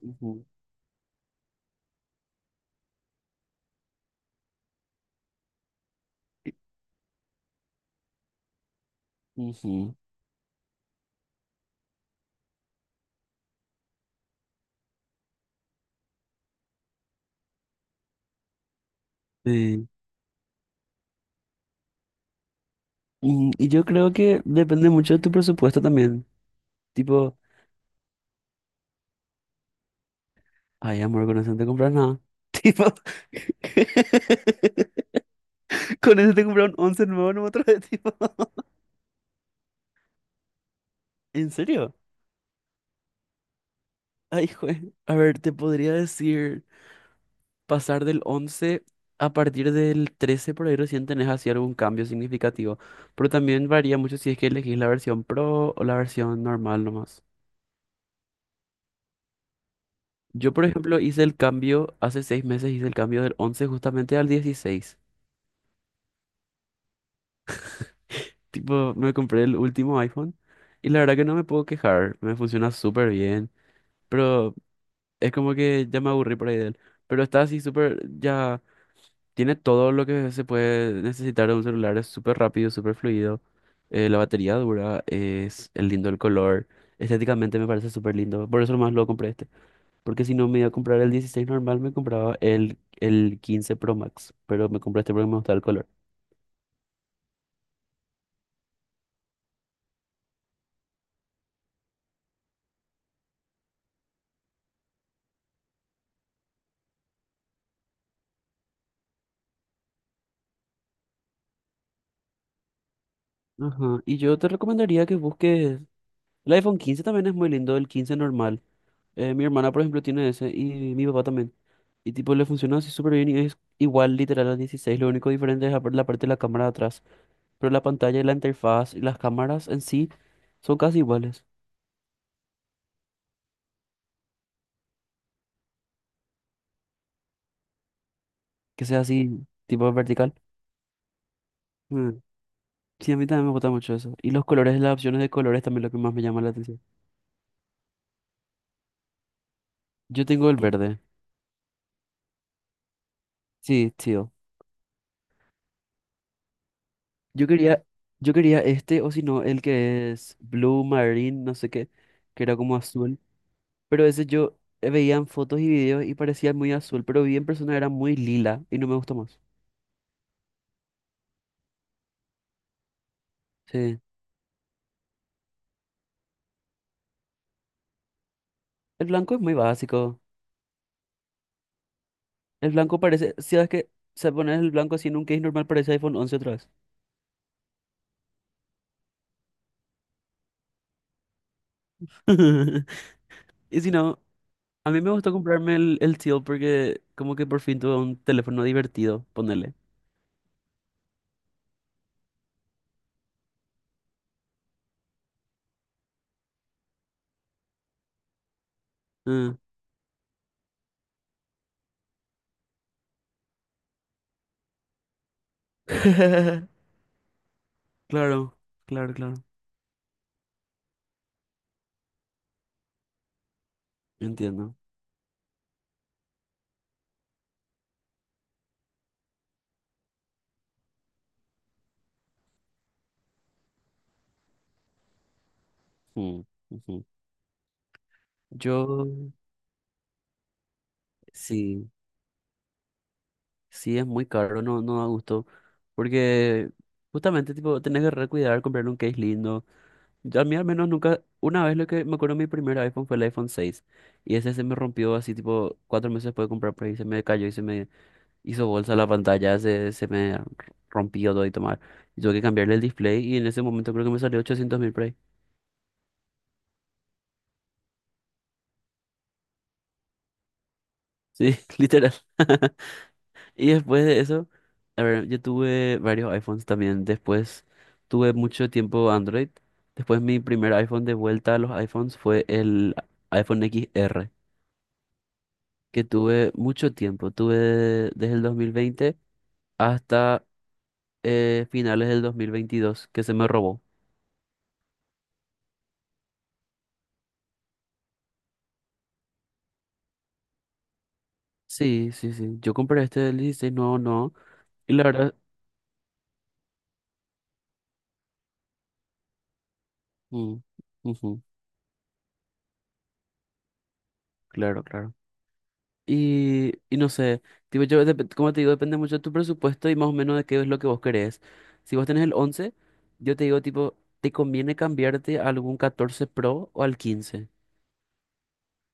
Ujú, y- ujú. Sí. Y yo creo que depende mucho de tu presupuesto también. Tipo, ay, amor, con eso no te compras nada. Tipo, con eso te compras un once nuevo en otro vez, tipo. ¿En serio? Ay, jue. A ver, te podría decir, pasar del 11 a partir del 13 por ahí recién tenés así algún cambio significativo. Pero también varía mucho si es que elegís la versión Pro o la versión normal nomás. Yo, por ejemplo, hice el cambio, hace 6 meses hice el cambio del 11 justamente al 16. Tipo, me compré el último iPhone y la verdad que no me puedo quejar, me funciona súper bien, pero es como que ya me aburrí por ahí de él. Pero está así súper, ya tiene todo lo que se puede necesitar de un celular, es súper rápido, súper fluido, la batería dura, es el lindo el color, estéticamente me parece súper lindo, por eso nomás lo compré este. Porque si no me iba a comprar el 16 normal, me compraba el 15 Pro Max. Pero me compré este porque me gustaba el color. Ajá. Y yo te recomendaría que busques. El iPhone 15 también es muy lindo, el 15 normal. Mi hermana, por ejemplo, tiene ese y mi papá también. Y tipo, le funciona así súper bien y es igual literal al 16. Lo único diferente es la parte de la cámara de atrás. Pero la pantalla y la interfaz y las cámaras en sí son casi iguales. Que sea así, tipo vertical. Mm. Sí, a mí también me gusta mucho eso. Y los colores, las opciones de colores también es lo que más me llama la atención. Yo tengo el verde. Sí, tío. Yo quería, yo quería este, o si no, el que es Blue Marine, no sé qué, que era como azul. Pero ese yo veía en fotos y videos y parecía muy azul, pero vi en persona era muy lila y no me gustó más. Sí. El blanco es muy básico. El blanco parece, si sabes que se pone el blanco así en un case normal, parece iPhone once otra vez. Y si no, a mí me gustó comprarme el teal porque como que por fin tuve un teléfono divertido, ponele. Ah. Claro, claro, claro. Entiendo. Mm, ujú. Yo, sí, sí es muy caro, no, no da gusto. Porque justamente, tipo, tenés que recuidar, comprar un case lindo. Yo, a mí al menos nunca, una vez lo que me acuerdo mi primer iPhone fue el iPhone 6, y ese se me rompió así, tipo, 4 meses después de comprar, por ahí se me cayó y se me hizo bolsa la pantalla, se me rompió todo y tomar. Y tuve que cambiarle el display y en ese momento creo que me salió 800.000 por ahí. Sí, literal. Y después de eso, a ver, yo tuve varios iPhones también. Después tuve mucho tiempo Android. Después mi primer iPhone de vuelta a los iPhones fue el iPhone XR, que tuve mucho tiempo. Tuve desde el 2020 hasta finales del 2022, que se me robó. Sí, sí, sí. Yo compré este del 16, no, no. Y la verdad. Mm, ujú, claro, claro. Y no sé, tipo, yo, como te digo, depende mucho de tu presupuesto y más o menos de qué es lo que vos querés. Si vos tenés el 11 yo te digo, tipo, te conviene cambiarte a algún 14 Pro o al quince.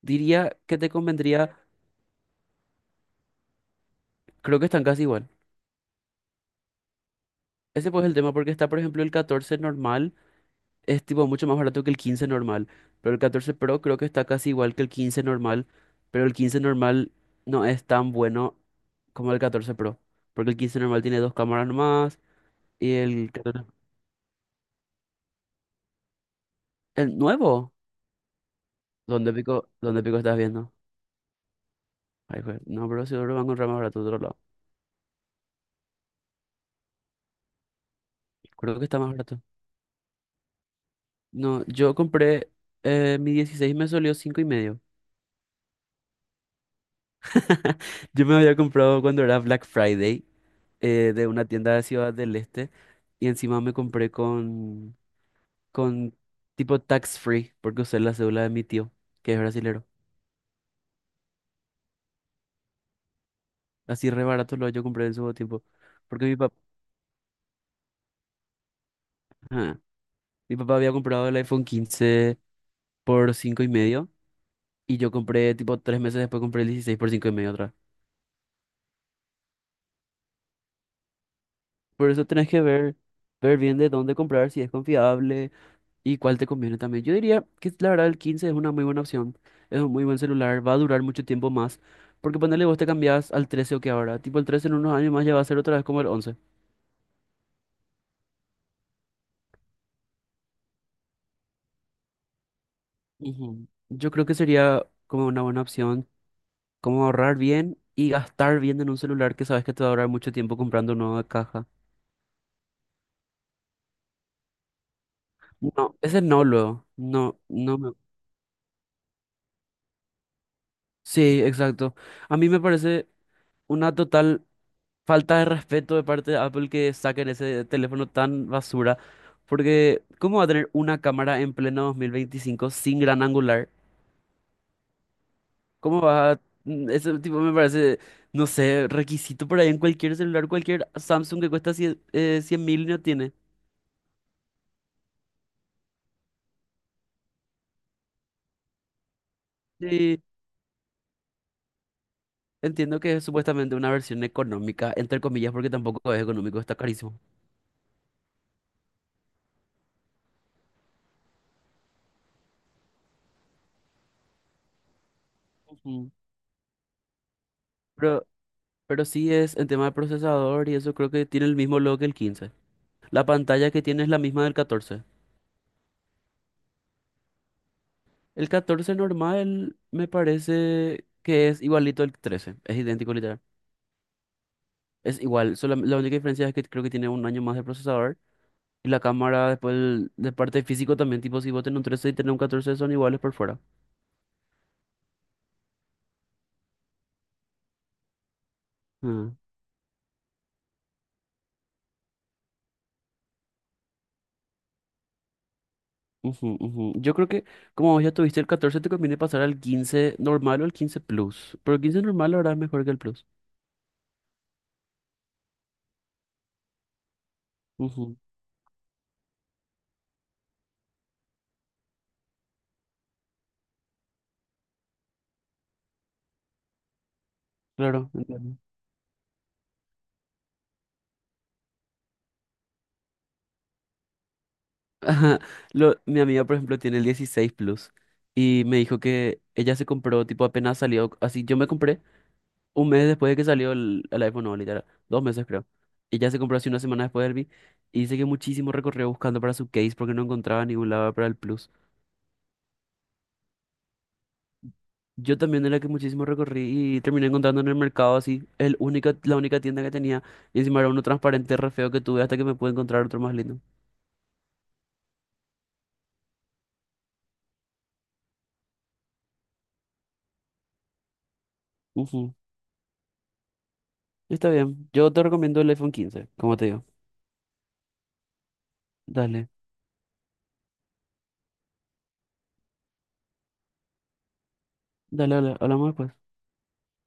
Diría que te convendría, creo que están casi igual. Ese pues es el tema porque está, por ejemplo, el 14 normal, es tipo mucho más barato que el 15 normal, pero el 14 Pro creo que está casi igual que el 15 normal, pero el 15 normal no es tan bueno como el 14 Pro, porque el 15 normal tiene dos cámaras nomás. Y el. El nuevo, ¿Dónde pico estás viendo? Ay, jue-. No, pero seguro va a encontrar más barato de otro lado. Creo que está más barato. No, yo compré mi 16 me salió cinco y medio. Yo me había comprado cuando era Black Friday de una tienda de Ciudad del Este y encima me compré con, tipo tax free porque usé la cédula de mi tío, que es brasilero. Así re barato lo yo compré en su tiempo. Porque mi papá había comprado el iPhone 15 por cinco y medio. Y yo compré, tipo, 3 meses después compré el 16 por 5 y medio otra vez. Por eso tenés que ver, ver bien de dónde comprar, si es confiable y cuál te conviene también. Yo diría que la verdad el 15 es una muy buena opción. Es un muy buen celular, va a durar mucho tiempo más. Porque ponele vos te cambiás al 13 o que ahora. Tipo, el 13 en unos años más ya va a ser otra vez como el once. Ujú. Yo creo que sería como una buena opción, como ahorrar bien y gastar bien en un celular que sabes que te va a durar mucho tiempo comprando una nueva caja. No, ese no, luego. No, no. Sí, exacto. A mí me parece una total falta de respeto de parte de Apple que saquen ese teléfono tan basura, porque ¿cómo va a tener una cámara en pleno 2025 sin gran angular? ¿Cómo va? Ese tipo me parece, no sé, requisito por ahí en cualquier celular, cualquier Samsung que cuesta 100.000 no tiene. Sí, entiendo que es supuestamente una versión económica, entre comillas, porque tampoco es económico, está carísimo. Ujú. Pero Pero sí es el tema del procesador y eso creo que tiene el mismo logo que el 15. La pantalla que tiene es la misma del 14. El 14 normal me parece que es igualito al 13. Es idéntico literal. Es igual. Solo la única diferencia es que creo que tiene un año más de procesador. Y la cámara después de parte físico también. Tipo si vos tenés un 13 y tenés un 14 son iguales por fuera. Ah, ujú, ujú. Yo creo que como vos ya tuviste el 14 te conviene pasar al 15 normal o al 15 Plus. Pero el 15 normal ahora es mejor que el Plus. Ujú, claro, entiendo. Ajá, lo, mi amiga, por ejemplo, tiene el 16 Plus y me dijo que ella se compró, tipo, apenas salió, así, yo me compré un mes después de que salió el iPhone, no, literal, 2 meses creo. Ella se compró así una semana después del Vi y dice que muchísimo recorrió buscando para su case porque no encontraba ningún lado para el Plus. Yo también era que muchísimo recorrí y terminé encontrando en el mercado así, la única tienda que tenía y encima era uno transparente re feo que tuve hasta que me pude encontrar otro más lindo. Ujú, está bien, yo te recomiendo el iPhone 15 como te digo. Dale. Dale, dale, hablamos después.